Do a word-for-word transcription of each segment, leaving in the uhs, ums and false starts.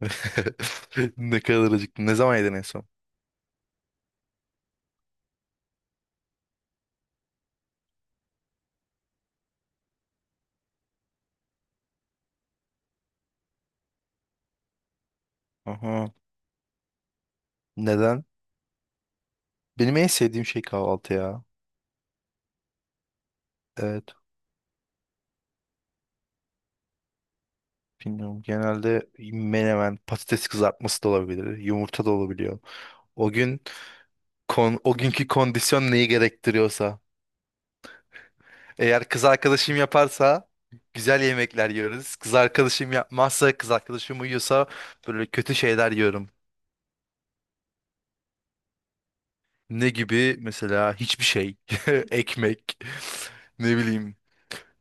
Ne kadar acıktım. Ne zaman yedin en son? Aha. Neden? Benim en sevdiğim şey kahvaltı ya. Evet. Bilmiyorum. Genelde menemen, patates kızartması da olabilir. Yumurta da olabiliyor. O gün kon, o günkü kondisyon neyi gerektiriyorsa. Eğer kız arkadaşım yaparsa güzel yemekler yiyoruz. Kız arkadaşım yapmazsa, kız arkadaşım uyuyorsa böyle kötü şeyler yiyorum. Ne gibi? Mesela hiçbir şey. Ekmek. Ne bileyim.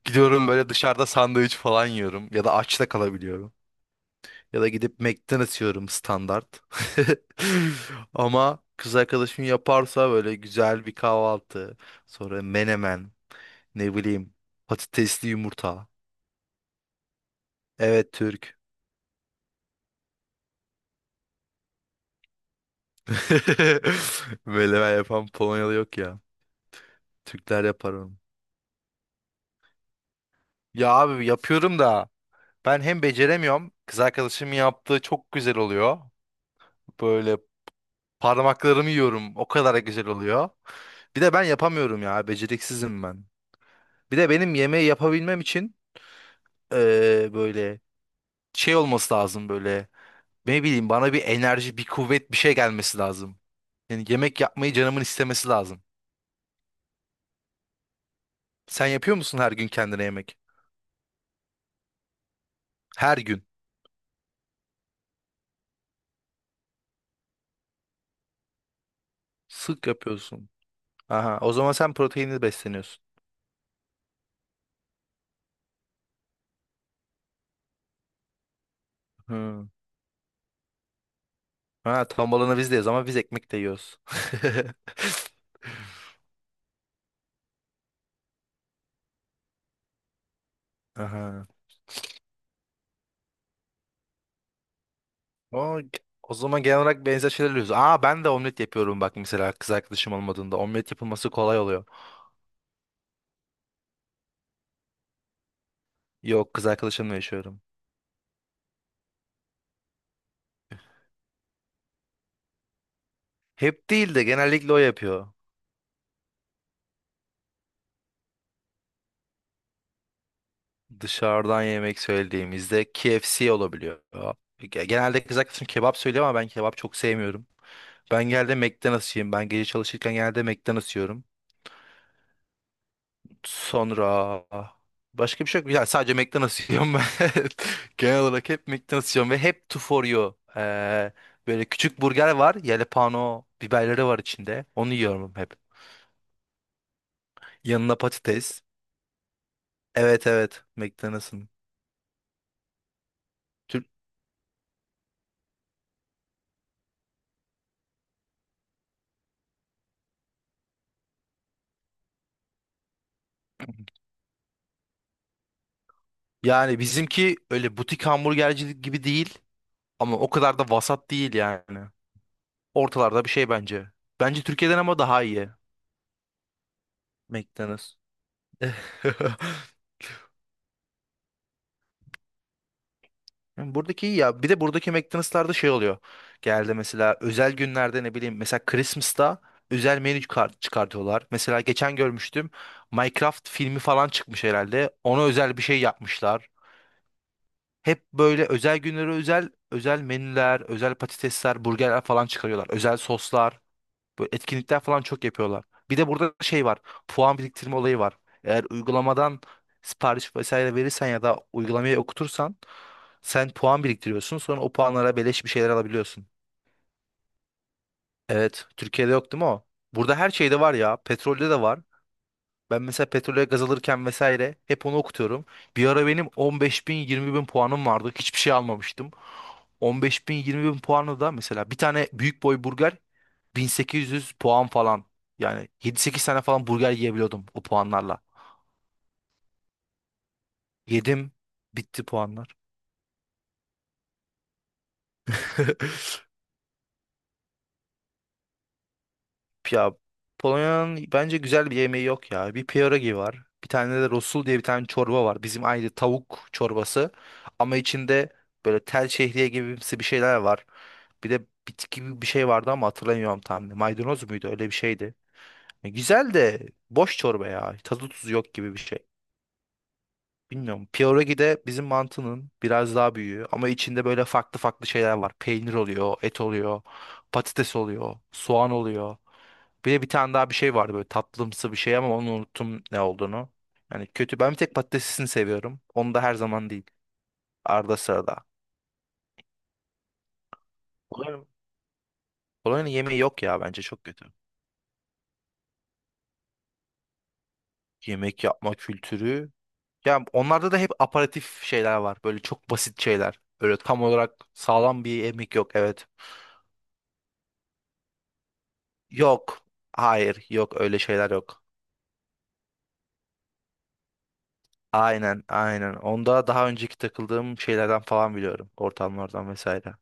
Gidiyorum böyle dışarıda sandviç falan yiyorum. Ya da aç da kalabiliyorum. Ya da gidip McDonald's yiyorum standart. Ama kız arkadaşım yaparsa böyle güzel bir kahvaltı. Sonra menemen. Ne bileyim. Patatesli yumurta. Evet Türk. Menemen yapan Polonyalı yok ya. Türkler yapar onu. Ya abi yapıyorum da ben hem beceremiyorum. Kız arkadaşımın yaptığı çok güzel oluyor. Böyle parmaklarımı yiyorum. O kadar güzel oluyor. Bir de ben yapamıyorum ya. Beceriksizim ben. Bir de benim yemeği yapabilmem için eee, böyle şey olması lazım böyle. Ne bileyim bana bir enerji, bir kuvvet, bir şey gelmesi lazım. Yani yemek yapmayı canımın istemesi lazım. Sen yapıyor musun her gün kendine yemek? Her gün. Sık yapıyorsun. Aha, o zaman sen proteinli besleniyorsun. Hı. Ha, tam olanı bizdeyiz ama biz ekmek de yiyoruz. Aha. O, o zaman genel olarak benzer şeyler yapıyoruz. Aa ben de omlet yapıyorum bak mesela kız arkadaşım olmadığında. Omlet yapılması kolay oluyor. Yok kız arkadaşımla yaşıyorum. Hep değil de genellikle o yapıyor. Dışarıdan yemek söylediğimizde K F C olabiliyor. Ge- Genelde kız arkadaşım kebap söylüyor ama ben kebap çok sevmiyorum. Ben geldi McDonald's yiyeyim. Ben gece çalışırken geldi McDonald's yiyorum. Sonra başka bir şey yok. Yani sadece McDonald's yiyorum ben. Genel olarak hep McDonald's yiyorum ve hep two for you. Ee, böyle küçük burger var. Jalapeno biberleri var içinde. Onu yiyorum hep. Yanına patates. Evet evet McDonald's'ın. Tür- Yani bizimki öyle butik hamburgercilik gibi değil. Ama o kadar da vasat değil yani. Ortalarda bir şey bence. Bence Türkiye'den ama daha iyi. McDonald's. Yani buradaki iyi ya bir de buradaki McDonald's'larda şey oluyor. Genelde mesela özel günlerde ne bileyim mesela Christmas'ta özel menü kart çıkartıyorlar. Mesela geçen görmüştüm Minecraft filmi falan çıkmış herhalde. Ona özel bir şey yapmışlar. Hep böyle özel günlere özel özel menüler, özel patatesler, burgerler falan çıkarıyorlar. Özel soslar. Böyle etkinlikler falan çok yapıyorlar. Bir de burada şey var. Puan biriktirme olayı var. Eğer uygulamadan sipariş vesaire verirsen ya da uygulamayı okutursan sen puan biriktiriyorsun. Sonra o puanlara beleş bir şeyler alabiliyorsun. Evet, Türkiye'de yok değil mi o? Burada her şeyde var ya. Petrolde de var. Ben mesela petrole gaz alırken vesaire hep onu okutuyorum. Bir ara benim on beş bin yirmi bin puanım vardı. Hiçbir şey almamıştım. on beş bin yirmi bin puanı da mesela bir tane büyük boy burger bin sekiz yüz puan falan. Yani yedi sekiz tane falan burger yiyebiliyordum o puanlarla. Yedim. Bitti puanlar. Ya Polonya'nın bence güzel bir yemeği yok ya. Bir pierogi var. Bir tane de rosul diye bir tane çorba var. Bizim aynı tavuk çorbası. Ama içinde böyle tel şehriye gibimsi bir şeyler var. Bir de bitki gibi bir şey vardı ama hatırlamıyorum tam. Maydanoz muydu? Öyle bir şeydi. E, güzel de boş çorba ya. Tadı tuzu yok gibi bir şey. Bilmiyorum. Pierogi de bizim mantının biraz daha büyüğü ama içinde böyle farklı farklı şeyler var. Peynir oluyor, et oluyor, patates oluyor, soğan oluyor. Bir de bir tane daha bir şey vardı böyle tatlımsı bir şey ama onu unuttum ne olduğunu. Yani kötü. Ben bir tek patatesini seviyorum. Onu da her zaman değil. Arada sırada. Polonya'nın Polonya'nın yemeği yok ya bence çok kötü. Yemek yapma kültürü. Ya onlarda da hep aparatif şeyler var. Böyle çok basit şeyler. Böyle tam olarak sağlam bir yemek yok. Evet. Yok. Hayır. Yok öyle şeyler yok. Aynen aynen. Onda daha önceki takıldığım şeylerden falan biliyorum. Ortamlardan vesaire.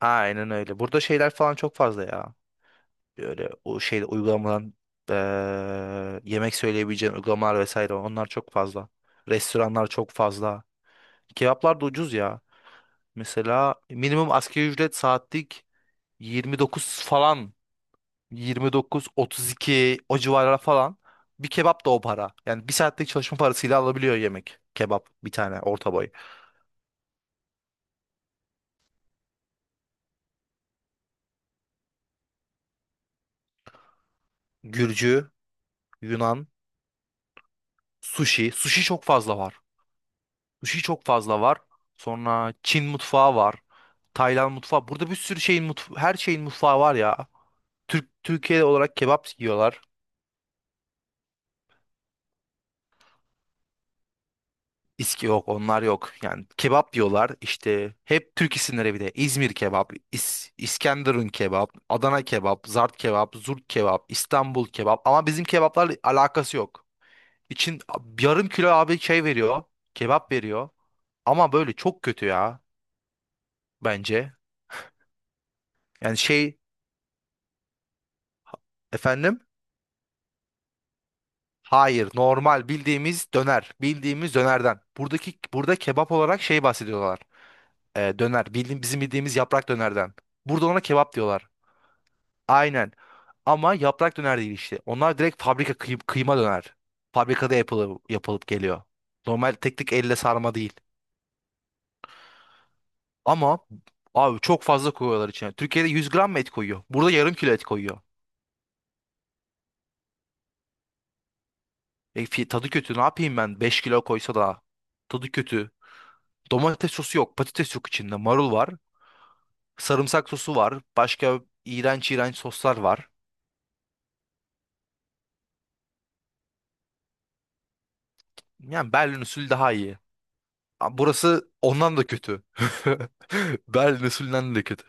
Aynen öyle. Burada şeyler falan çok fazla ya. Böyle o şey uygulamadan eee, yemek söyleyebileceğin uygulamalar vesaire onlar çok fazla. Restoranlar çok fazla. Kebaplar da ucuz ya. Mesela minimum asgari ücret saatlik yirmi dokuz falan. Yirmi dokuz, otuz iki o civarlara falan. Bir kebap da o para. Yani bir saatlik çalışma parasıyla alabiliyor yemek. Kebap bir tane orta boy. Gürcü, Yunan, sushi. Sushi çok fazla var. Sushi çok fazla var. Sonra Çin mutfağı var. Tayland mutfağı. Burada bir sürü şeyin mutfağı, her şeyin mutfağı var ya. Türk Türkiye olarak kebap yiyorlar. İski yok onlar yok. Yani kebap yiyorlar işte hep Türk isimleri bir de İzmir kebap, İs- İskenderun kebap, Adana kebap, Zart kebap, Zurt kebap, İstanbul kebap ama bizim kebaplarla alakası yok. İçin yarım kilo abi şey veriyor kebap veriyor ama böyle çok kötü ya bence. Yani şey efendim hayır normal bildiğimiz döner bildiğimiz dönerden. Buradaki burada kebap olarak şey bahsediyorlar. Ee, döner bildiğim, bizim bildiğimiz yaprak dönerden. Burada ona kebap diyorlar. Aynen. Ama yaprak döner değil işte. Onlar direkt fabrika kıy- kıyma döner. Fabrikada yapılıp, yapılıp geliyor. Normal tek tek elle sarma değil. Ama abi çok fazla koyuyorlar içine. Türkiye'de yüz gram mı et koyuyor? Burada yarım kilo et koyuyor. E, fi- tadı kötü. Ne yapayım ben? beş kilo koysa da. Tadı kötü. Domates sosu yok. Patates yok içinde. Marul var. Sarımsak sosu var. Başka iğrenç iğrenç soslar var. Yani Berlin usulü daha iyi. Ama burası ondan da kötü. Berlin usulünden de kötü.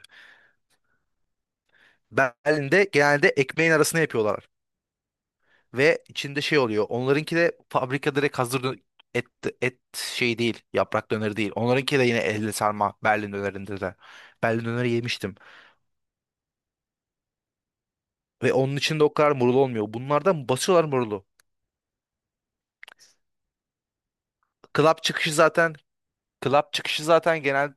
Berlin'de genelde ekmeğin arasına yapıyorlar. Ve içinde şey oluyor. Onlarınki de fabrika direkt hazır dö- et, et şey değil. Yaprak döneri değil. Onlarınki de yine elle sarma Berlin dönerinde de. Berlin döneri yemiştim. Ve onun içinde o kadar marul olmuyor. Bunlardan basıyorlar marulu. Club çıkışı zaten club çıkışı zaten genel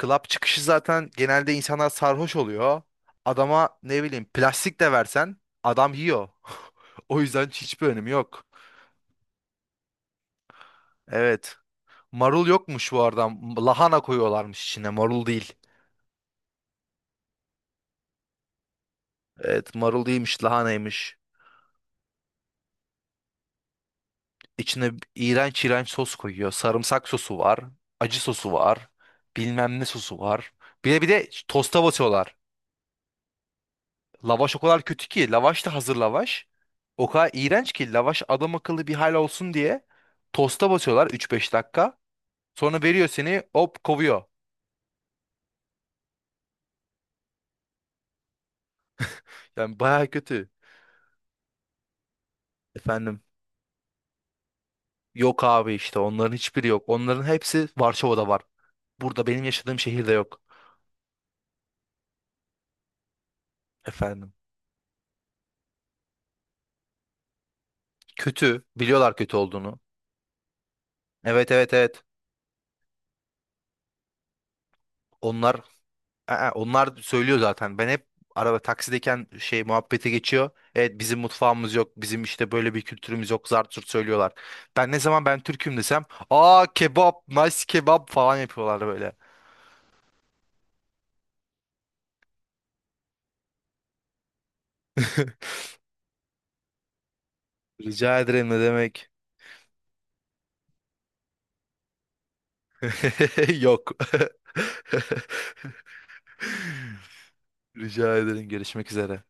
club çıkışı zaten genelde insanlar sarhoş oluyor. Adama ne bileyim plastik de versen adam yiyor. O yüzden hiçbir önemi yok. Evet. Marul yokmuş bu arada. Lahana koyuyorlarmış içine. Marul değil. Evet, marul değilmiş, lahanaymış. İçine iğrenç iğrenç sos koyuyor. Sarımsak sosu var. Acı sosu var. Bilmem ne sosu var. Bir de bir de tosta batıyorlar. Lavaş o kadar kötü ki. Lavaş da hazır lavaş. O kadar iğrenç ki lavaş adam akıllı bir hal olsun diye tosta batıyorlar üç beş dakika. Sonra veriyor seni hop kovuyor. Yani baya kötü. Efendim. Yok abi işte onların hiçbiri yok. Onların hepsi Varşova'da var. Burada benim yaşadığım şehirde yok. Efendim. Kötü. Biliyorlar kötü olduğunu. Evet evet evet. Onlar Aa, onlar söylüyor zaten. Ben hep araba taksideyken şey muhabbete geçiyor. Evet bizim mutfağımız yok. Bizim işte böyle bir kültürümüz yok. Zart zurt söylüyorlar. Ben ne zaman ben Türk'üm desem, "Aa kebap, nice kebap" falan yapıyorlar böyle. Rica ederim ne demek? Yok. Rica ederim görüşmek üzere.